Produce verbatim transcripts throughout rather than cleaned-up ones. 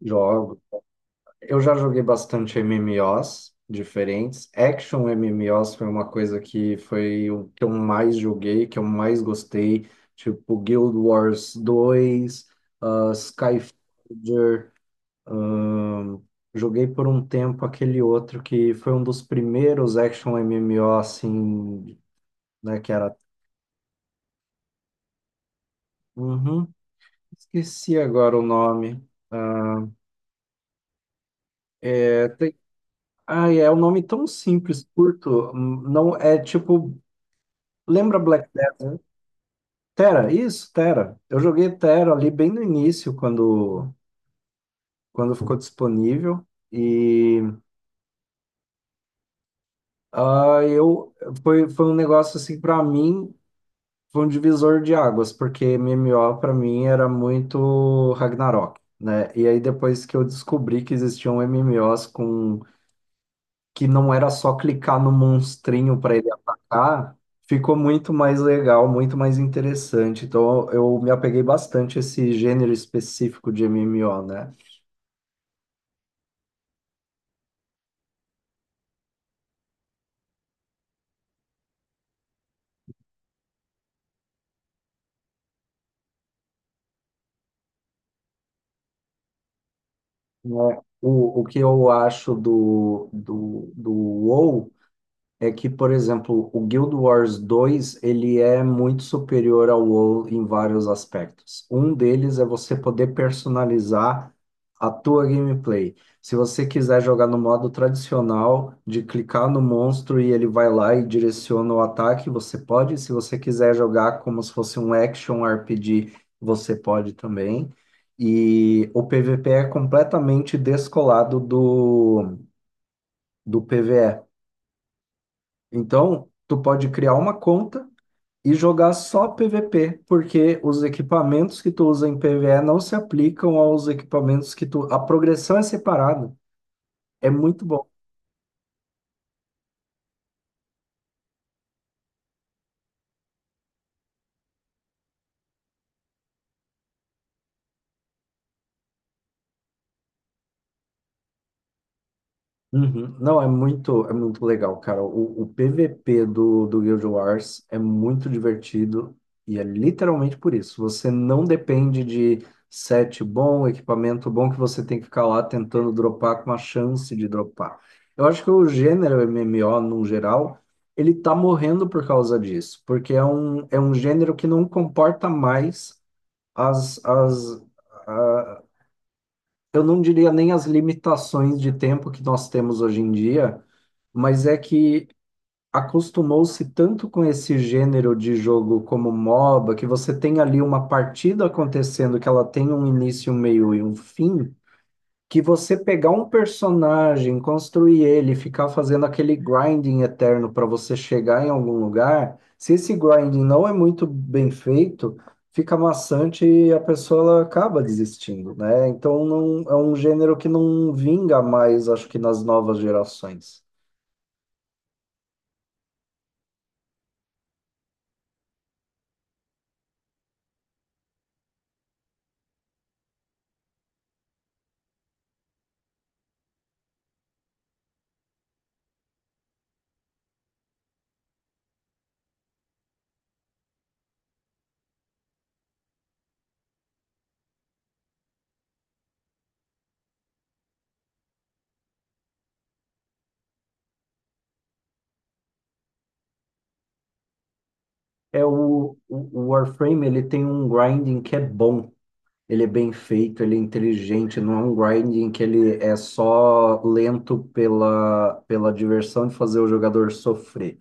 Jogo. Eu já joguei bastante M M Os diferentes. Action M M Os foi uma coisa que foi o que eu mais joguei, que eu mais gostei. Tipo Guild Wars dois, ah, Skyforger. ahn, joguei por um tempo aquele outro que foi um dos primeiros action M M O assim, né? Que era. Uhum. Esqueci agora o nome. Ah, é. Ai, é um nome tão simples, curto. hum, Não é tipo, lembra Black Desert, né? Terra, isso, Terra. Eu joguei Terra ali bem no início, quando, quando ficou disponível. E ah, eu foi, foi um negócio assim para mim, foi um divisor de águas, porque M M O para mim era muito Ragnarok, né? E aí depois que eu descobri que existiam M M Os com que não era só clicar no monstrinho para ele atacar, ficou muito mais legal, muito mais interessante. Então eu me apeguei bastante a esse gênero específico de M M O, né? Né, é. O, o que eu acho do, do, do WoW é que, por exemplo, o Guild Wars dois ele é muito superior ao WoW em vários aspectos. Um deles é você poder personalizar a tua gameplay. Se você quiser jogar no modo tradicional, de clicar no monstro e ele vai lá e direciona o ataque, você pode. Se você quiser jogar como se fosse um action R P G, você pode também. E o P V P é completamente descolado do, do PvE. Então, tu pode criar uma conta e jogar só P V P, porque os equipamentos que tu usa em PvE não se aplicam aos equipamentos que tu. A progressão é separada. É muito bom. Uhum. Não, é muito, é muito legal, cara. O, o P V P do, do Guild Wars é muito divertido e é literalmente por isso. Você não depende de set bom, equipamento bom que você tem que ficar lá tentando dropar com uma chance de dropar. Eu acho que o gênero M M O, no geral, ele tá morrendo por causa disso, porque é um, é um gênero que não comporta mais as, as, eu não diria nem as limitações de tempo que nós temos hoje em dia, mas é que acostumou-se tanto com esse gênero de jogo como MOBA, que você tem ali uma partida acontecendo, que ela tem um início, um meio e um fim, que você pegar um personagem, construir ele, ficar fazendo aquele grinding eterno para você chegar em algum lugar, se esse grinding não é muito bem feito, fica maçante e a pessoa ela acaba desistindo, né? Então não, é um gênero que não vinga mais, acho que nas novas gerações. É o, o o Warframe, ele tem um grinding que é bom. Ele é bem feito, ele é inteligente, não é um grinding que ele é só lento pela, pela diversão de fazer o jogador sofrer.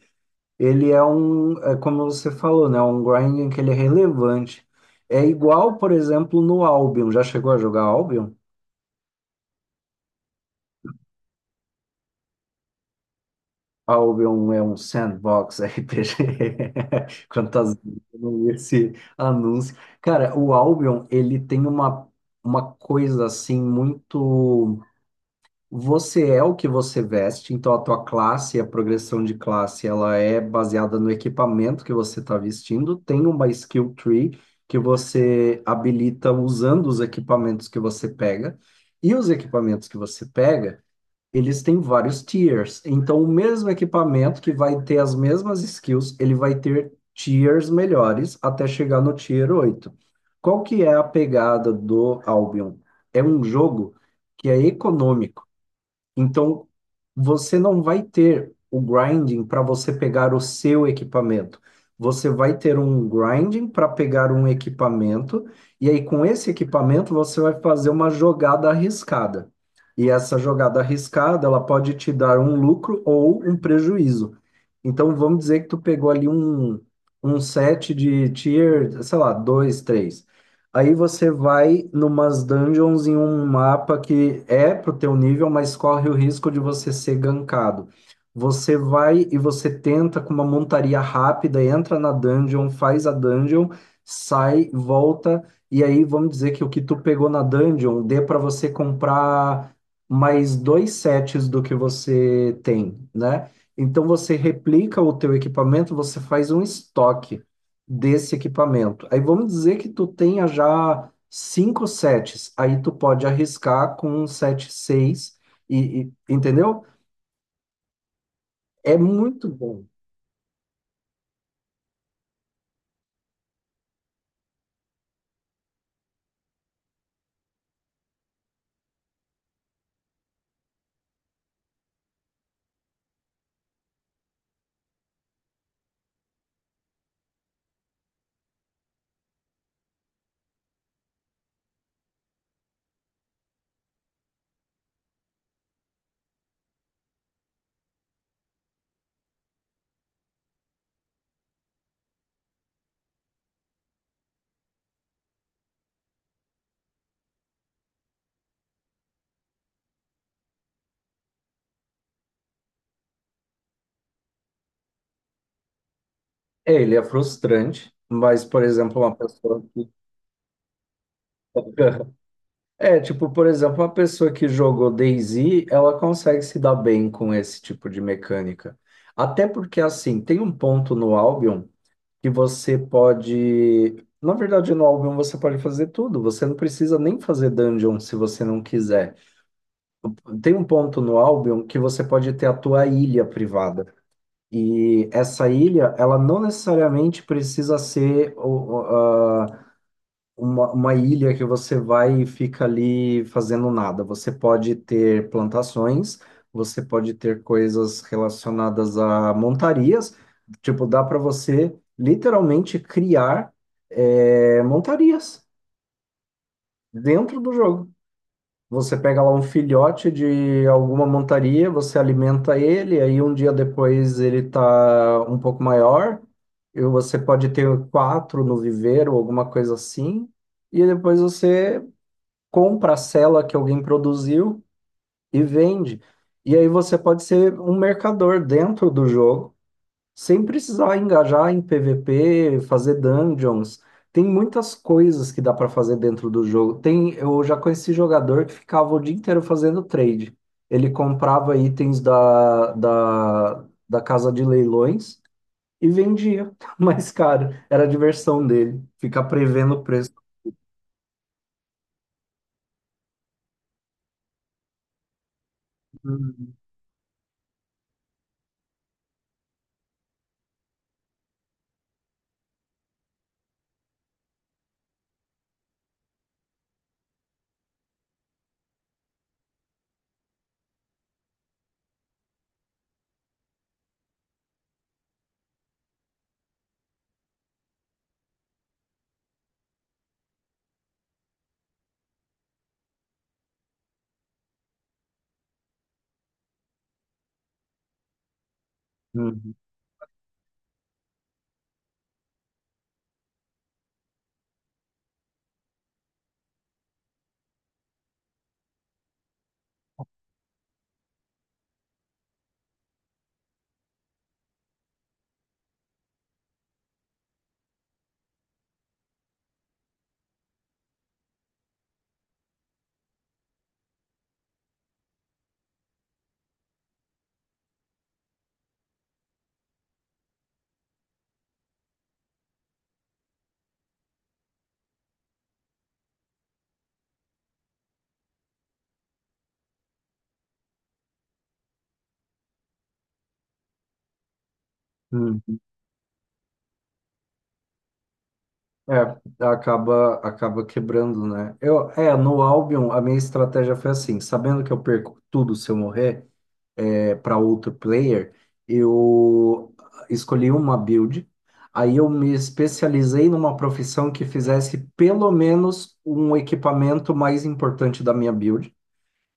Ele é um, é como você falou, né? Um grinding que ele é relevante. É igual, por exemplo, no Albion. Já chegou a jogar Albion? Albion é um sandbox R P G. Quantas vezes eu não li esse anúncio. Cara, o Albion, ele tem uma, uma coisa assim muito. Você é o que você veste, então a tua classe, a progressão de classe, ela é baseada no equipamento que você está vestindo. Tem uma skill tree que você habilita usando os equipamentos que você pega. E os equipamentos que você pega, eles têm vários tiers. Então, o mesmo equipamento que vai ter as mesmas skills, ele vai ter tiers melhores até chegar no tier oito. Qual que é a pegada do Albion? É um jogo que é econômico. Então, você não vai ter o grinding para você pegar o seu equipamento. Você vai ter um grinding para pegar um equipamento, e aí com esse equipamento você vai fazer uma jogada arriscada. E essa jogada arriscada, ela pode te dar um lucro ou um prejuízo. Então, vamos dizer que tu pegou ali um, um set de tier, sei lá, dois, três. Aí você vai numas dungeons em um mapa que é pro teu nível, mas corre o risco de você ser gankado. Você vai e você tenta com uma montaria rápida, entra na dungeon, faz a dungeon, sai, volta, e aí vamos dizer que o que tu pegou na dungeon dê para você comprar mais dois sets do que você tem, né? Então você replica o teu equipamento, você faz um estoque desse equipamento. Aí vamos dizer que tu tenha já cinco sets, aí tu pode arriscar com um set seis e, e- entendeu? É muito bom. É, ele é frustrante, mas, por exemplo, uma pessoa que... É, tipo, por exemplo, uma pessoa que jogou DayZ, ela consegue se dar bem com esse tipo de mecânica. Até porque, assim, tem um ponto no Albion que você pode. Na verdade, no álbum você pode fazer tudo. Você não precisa nem fazer dungeon se você não quiser. Tem um ponto no álbum que você pode ter a tua ilha privada. E essa ilha, ela não necessariamente precisa ser o o- uma, uma ilha que você vai e fica ali fazendo nada. Você pode ter plantações, você pode ter coisas relacionadas a montarias. Tipo, dá para você literalmente criar é, montarias dentro do jogo. Você pega lá um filhote de alguma montaria, você alimenta ele, aí um dia depois ele tá um pouco maior, e você pode ter quatro no viveiro, alguma coisa assim, e depois você compra a cela que alguém produziu e vende. E aí você pode ser um mercador dentro do jogo, sem precisar engajar em P V P, fazer dungeons. Tem muitas coisas que dá para fazer dentro do jogo. Tem, eu já conheci jogador que ficava o dia inteiro fazendo trade. Ele comprava itens da, da, da casa de leilões e vendia mais caro. Era a diversão dele, ficar prevendo o preço. Uhum, uhum. É, acaba, acaba quebrando, né? Eu, é, no Albion, a minha estratégia foi assim, sabendo que eu perco tudo se eu morrer é para outro player, eu escolhi uma build, aí eu me especializei numa profissão que fizesse pelo menos um equipamento mais importante da minha build,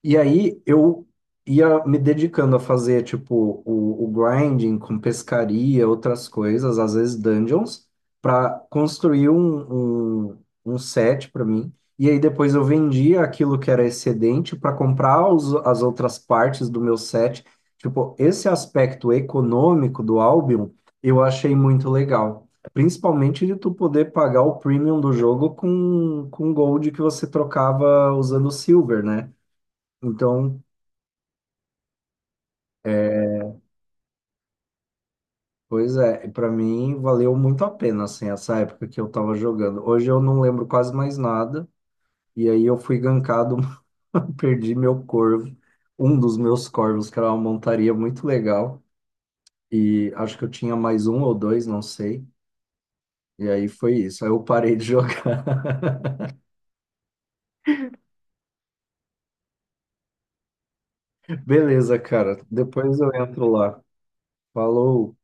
e aí eu ia me dedicando a fazer, tipo, o, o grinding com pescaria, outras coisas, às vezes dungeons, para construir um, um, um set para mim. E aí depois eu vendia aquilo que era excedente para comprar os, as outras partes do meu set. Tipo, esse aspecto econômico do Albion eu achei muito legal. Principalmente de tu poder pagar o premium do jogo com, com, gold que você trocava usando silver, né? Então, é, pois é, para mim valeu muito a pena, assim, essa época que eu tava jogando. Hoje eu não lembro quase mais nada, e aí eu fui gankado, perdi meu corvo, um dos meus corvos, que era uma montaria muito legal, e acho que eu tinha mais um ou dois, não sei, e aí foi isso, aí eu parei de jogar. Beleza, cara, depois eu entro lá. Falou.